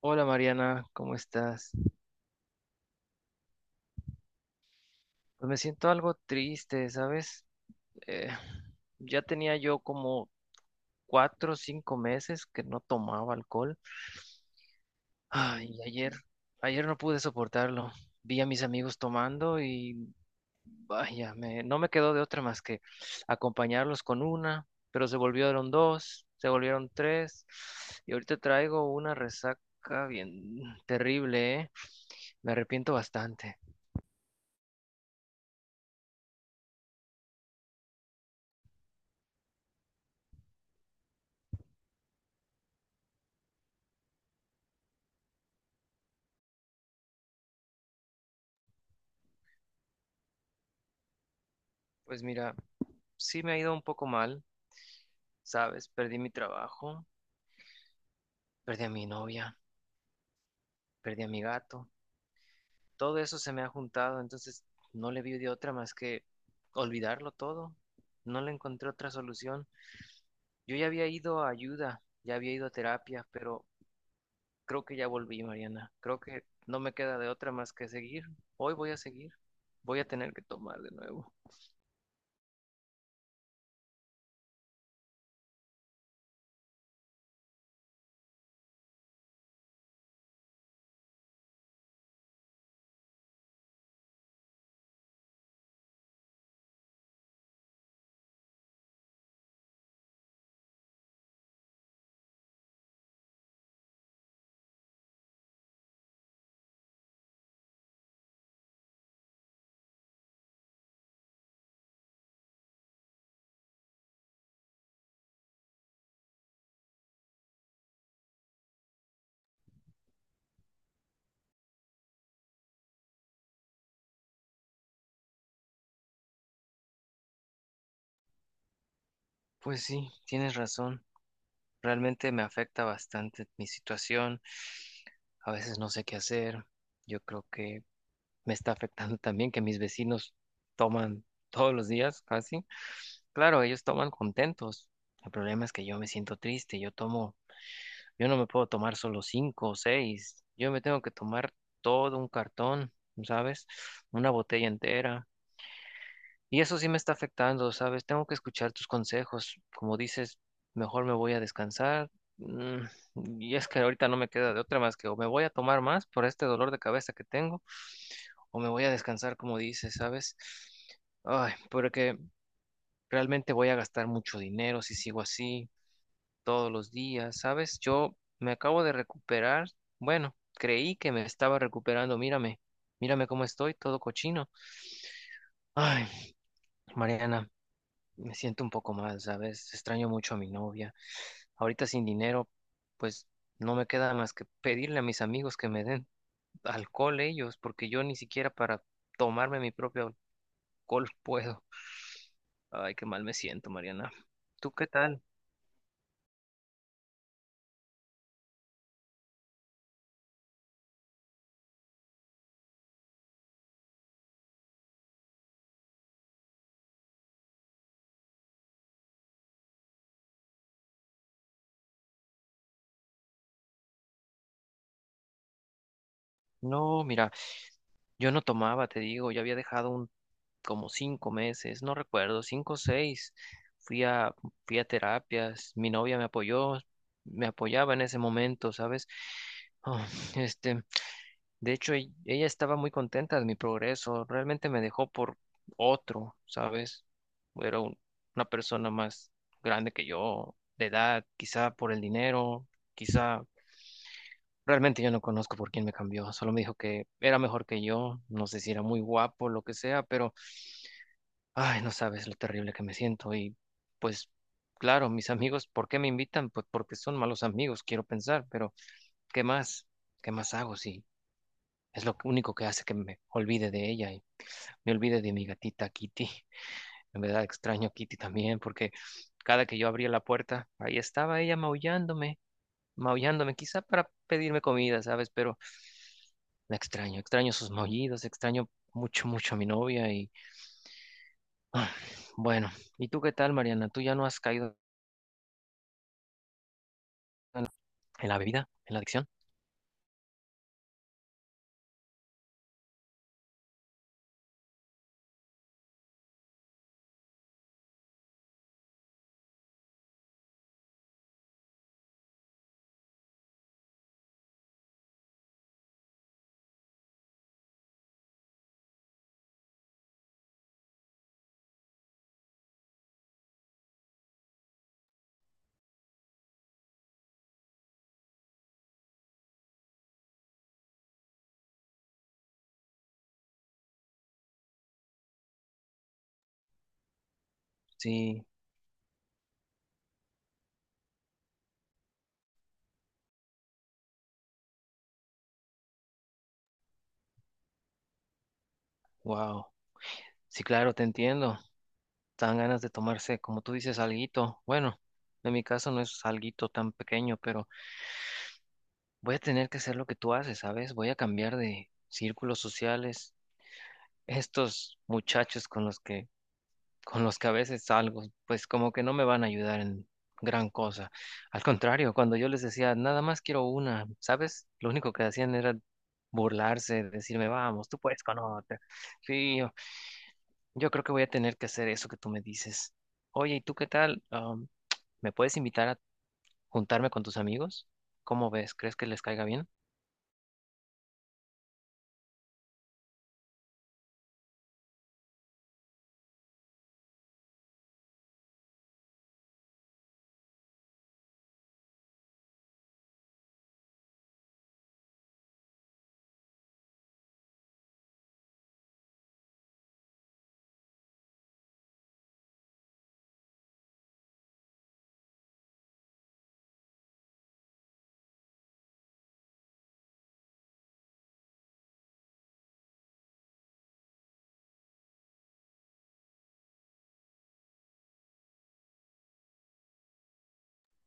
Hola Mariana, ¿cómo estás? Pues me siento algo triste, ¿sabes? Eh, ya tenía yo como 4 o 5 meses que no tomaba alcohol. Ay, y ayer no pude soportarlo. Vi a mis amigos tomando y vaya, no me quedó de otra más que acompañarlos con una, pero se volvieron dos, se volvieron tres, y ahorita traigo una resaca bien terrible, ¿eh? Me arrepiento bastante. Pues mira, sí me ha ido un poco mal, ¿sabes? Perdí mi trabajo, perdí a mi novia, perdí a mi gato. Todo eso se me ha juntado, entonces no le vi de otra más que olvidarlo todo. No le encontré otra solución. Yo ya había ido a ayuda, ya había ido a terapia, pero creo que ya volví, Mariana. Creo que no me queda de otra más que seguir. Hoy voy a seguir, voy a tener que tomar de nuevo. Pues sí, tienes razón. Realmente me afecta bastante mi situación. A veces no sé qué hacer. Yo creo que me está afectando también que mis vecinos toman todos los días casi. Claro, ellos toman contentos. El problema es que yo me siento triste. Yo no me puedo tomar solo cinco o seis. Yo me tengo que tomar todo un cartón, ¿sabes? Una botella entera. Y eso sí me está afectando, ¿sabes? Tengo que escuchar tus consejos. Como dices, mejor me voy a descansar. Mm, Y es que ahorita no me queda de otra más que o me voy a tomar más por este dolor de cabeza que tengo, o me voy a descansar, como dices, ¿sabes? Ay, porque realmente voy a gastar mucho dinero si sigo así todos los días, ¿sabes? Yo me acabo de recuperar. Bueno, creí que me estaba recuperando. Mírame cómo estoy, todo cochino. Ay, Mariana, me siento un poco mal, ¿sabes? Extraño mucho a mi novia. Ahorita sin dinero, pues no me queda más que pedirle a mis amigos que me den alcohol ellos, porque yo ni siquiera para tomarme mi propio alcohol puedo. Ay, qué mal me siento, Mariana. ¿Tú qué tal? No, mira, yo no tomaba, te digo, ya había dejado un como 5 meses, no recuerdo, cinco o seis. Fui a, fui a terapias, mi novia me apoyó, me apoyaba en ese momento, ¿sabes? Ah, este, de hecho, ella estaba muy contenta de mi progreso. Realmente me dejó por otro, ¿sabes? Era una persona más grande que yo, de edad, quizá por el dinero, quizá... Realmente yo no conozco por quién me cambió. Solo me dijo que era mejor que yo. No sé si era muy guapo, lo que sea, pero... Ay, no sabes lo terrible que me siento. Y pues, claro, mis amigos, ¿por qué me invitan? Pues porque son malos amigos, quiero pensar, pero ¿qué más? ¿Qué más hago si... Es lo único que hace que me olvide de ella. Me olvidé de mi gatita Kitty. En verdad extraño a Kitty también porque cada que yo abría la puerta, ahí estaba ella maullándome, maullándome, quizá para pedirme comida, ¿sabes? Pero la extraño, extraño sus maullidos, extraño mucho, mucho a mi novia y ah, bueno, ¿y tú qué tal, Mariana? ¿Tú ya no has caído en la bebida, en la adicción? Sí, wow. Sí, claro, te entiendo. Dan ganas de tomarse, como tú dices, alguito. Bueno, en mi caso no es alguito tan pequeño, pero voy a tener que hacer lo que tú haces, ¿sabes? Voy a cambiar de círculos sociales. Estos muchachos con los que a veces salgo, pues como que no me van a ayudar en gran cosa. Al contrario, cuando yo les decía, nada más quiero una, ¿sabes? Lo único que hacían era burlarse, decirme, vamos, tú puedes con otra. Sí, yo creo que voy a tener que hacer eso que tú me dices. Oye, ¿y tú qué tal? ¿Me puedes invitar a juntarme con tus amigos? ¿Cómo ves? ¿Crees que les caiga bien?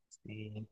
Sí,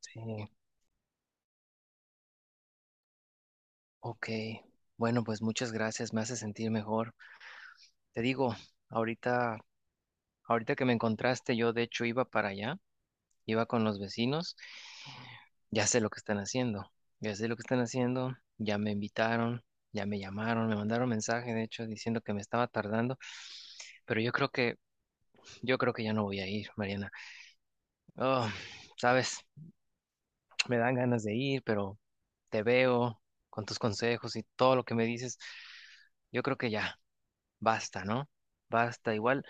sí. Ok, bueno, pues muchas gracias, me hace sentir mejor. Te digo, ahorita, ahorita que me encontraste, yo de hecho iba para allá, iba con los vecinos, ya sé lo que están haciendo, ya sé lo que están haciendo, ya me invitaron, ya me llamaron, me mandaron mensaje, de hecho, diciendo que me estaba tardando, pero yo creo que ya no voy a ir, Mariana. Oh, sabes, me dan ganas de ir, pero te veo con tus consejos y todo lo que me dices, yo creo que ya, basta, ¿no? Basta, igual.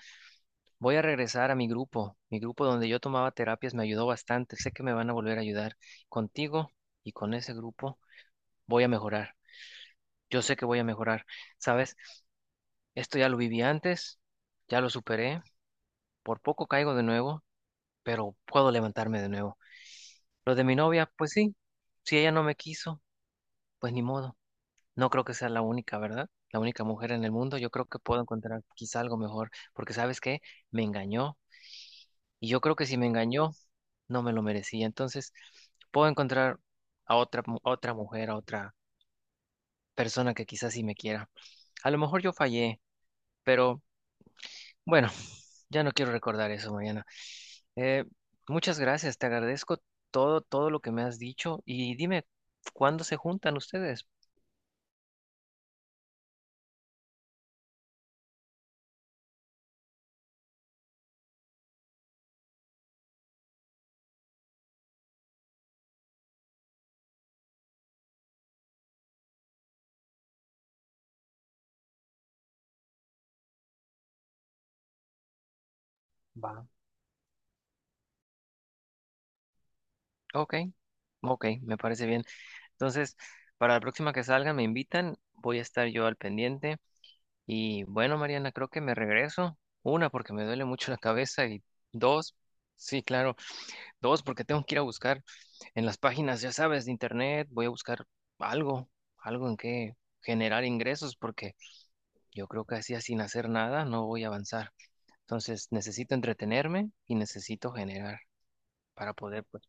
Voy a regresar a mi grupo donde yo tomaba terapias me ayudó bastante, sé que me van a volver a ayudar contigo y con ese grupo voy a mejorar, yo sé que voy a mejorar, ¿sabes? Esto ya lo viví antes, ya lo superé, por poco caigo de nuevo, pero puedo levantarme de nuevo. Lo de mi novia, pues sí, si ella no me quiso, pues ni modo, no creo que sea la única, ¿verdad? La única mujer en el mundo, yo creo que puedo encontrar quizá algo mejor, porque ¿sabes qué? Me engañó y yo creo que si me engañó... no me lo merecía. Entonces, puedo encontrar a otra, otra mujer, a otra persona que quizás sí me quiera. A lo mejor yo fallé, pero bueno, ya no quiero recordar eso, Mariana. Eh, muchas gracias, te agradezco todo, todo lo que me has dicho y dime, ¿cuándo se juntan ustedes? Va. Ok, ok, me parece bien. Entonces, para la próxima que salga, me invitan, voy a estar yo al pendiente. Y bueno, Mariana, creo que me regreso. Una, porque me duele mucho la cabeza y dos, sí, claro, dos, porque tengo que ir a buscar en las páginas, ya sabes, de internet, voy a buscar algo, algo en que generar ingresos, porque yo creo que así, sin hacer nada, no voy a avanzar. Entonces, necesito entretenerme y necesito generar para poder, pues,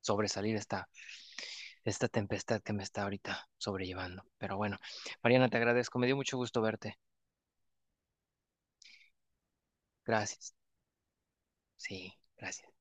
sobresalir esta tempestad que me está ahorita sobrellevando. Pero bueno, Mariana, te agradezco, me dio mucho gusto verte. Gracias. Sí, gracias.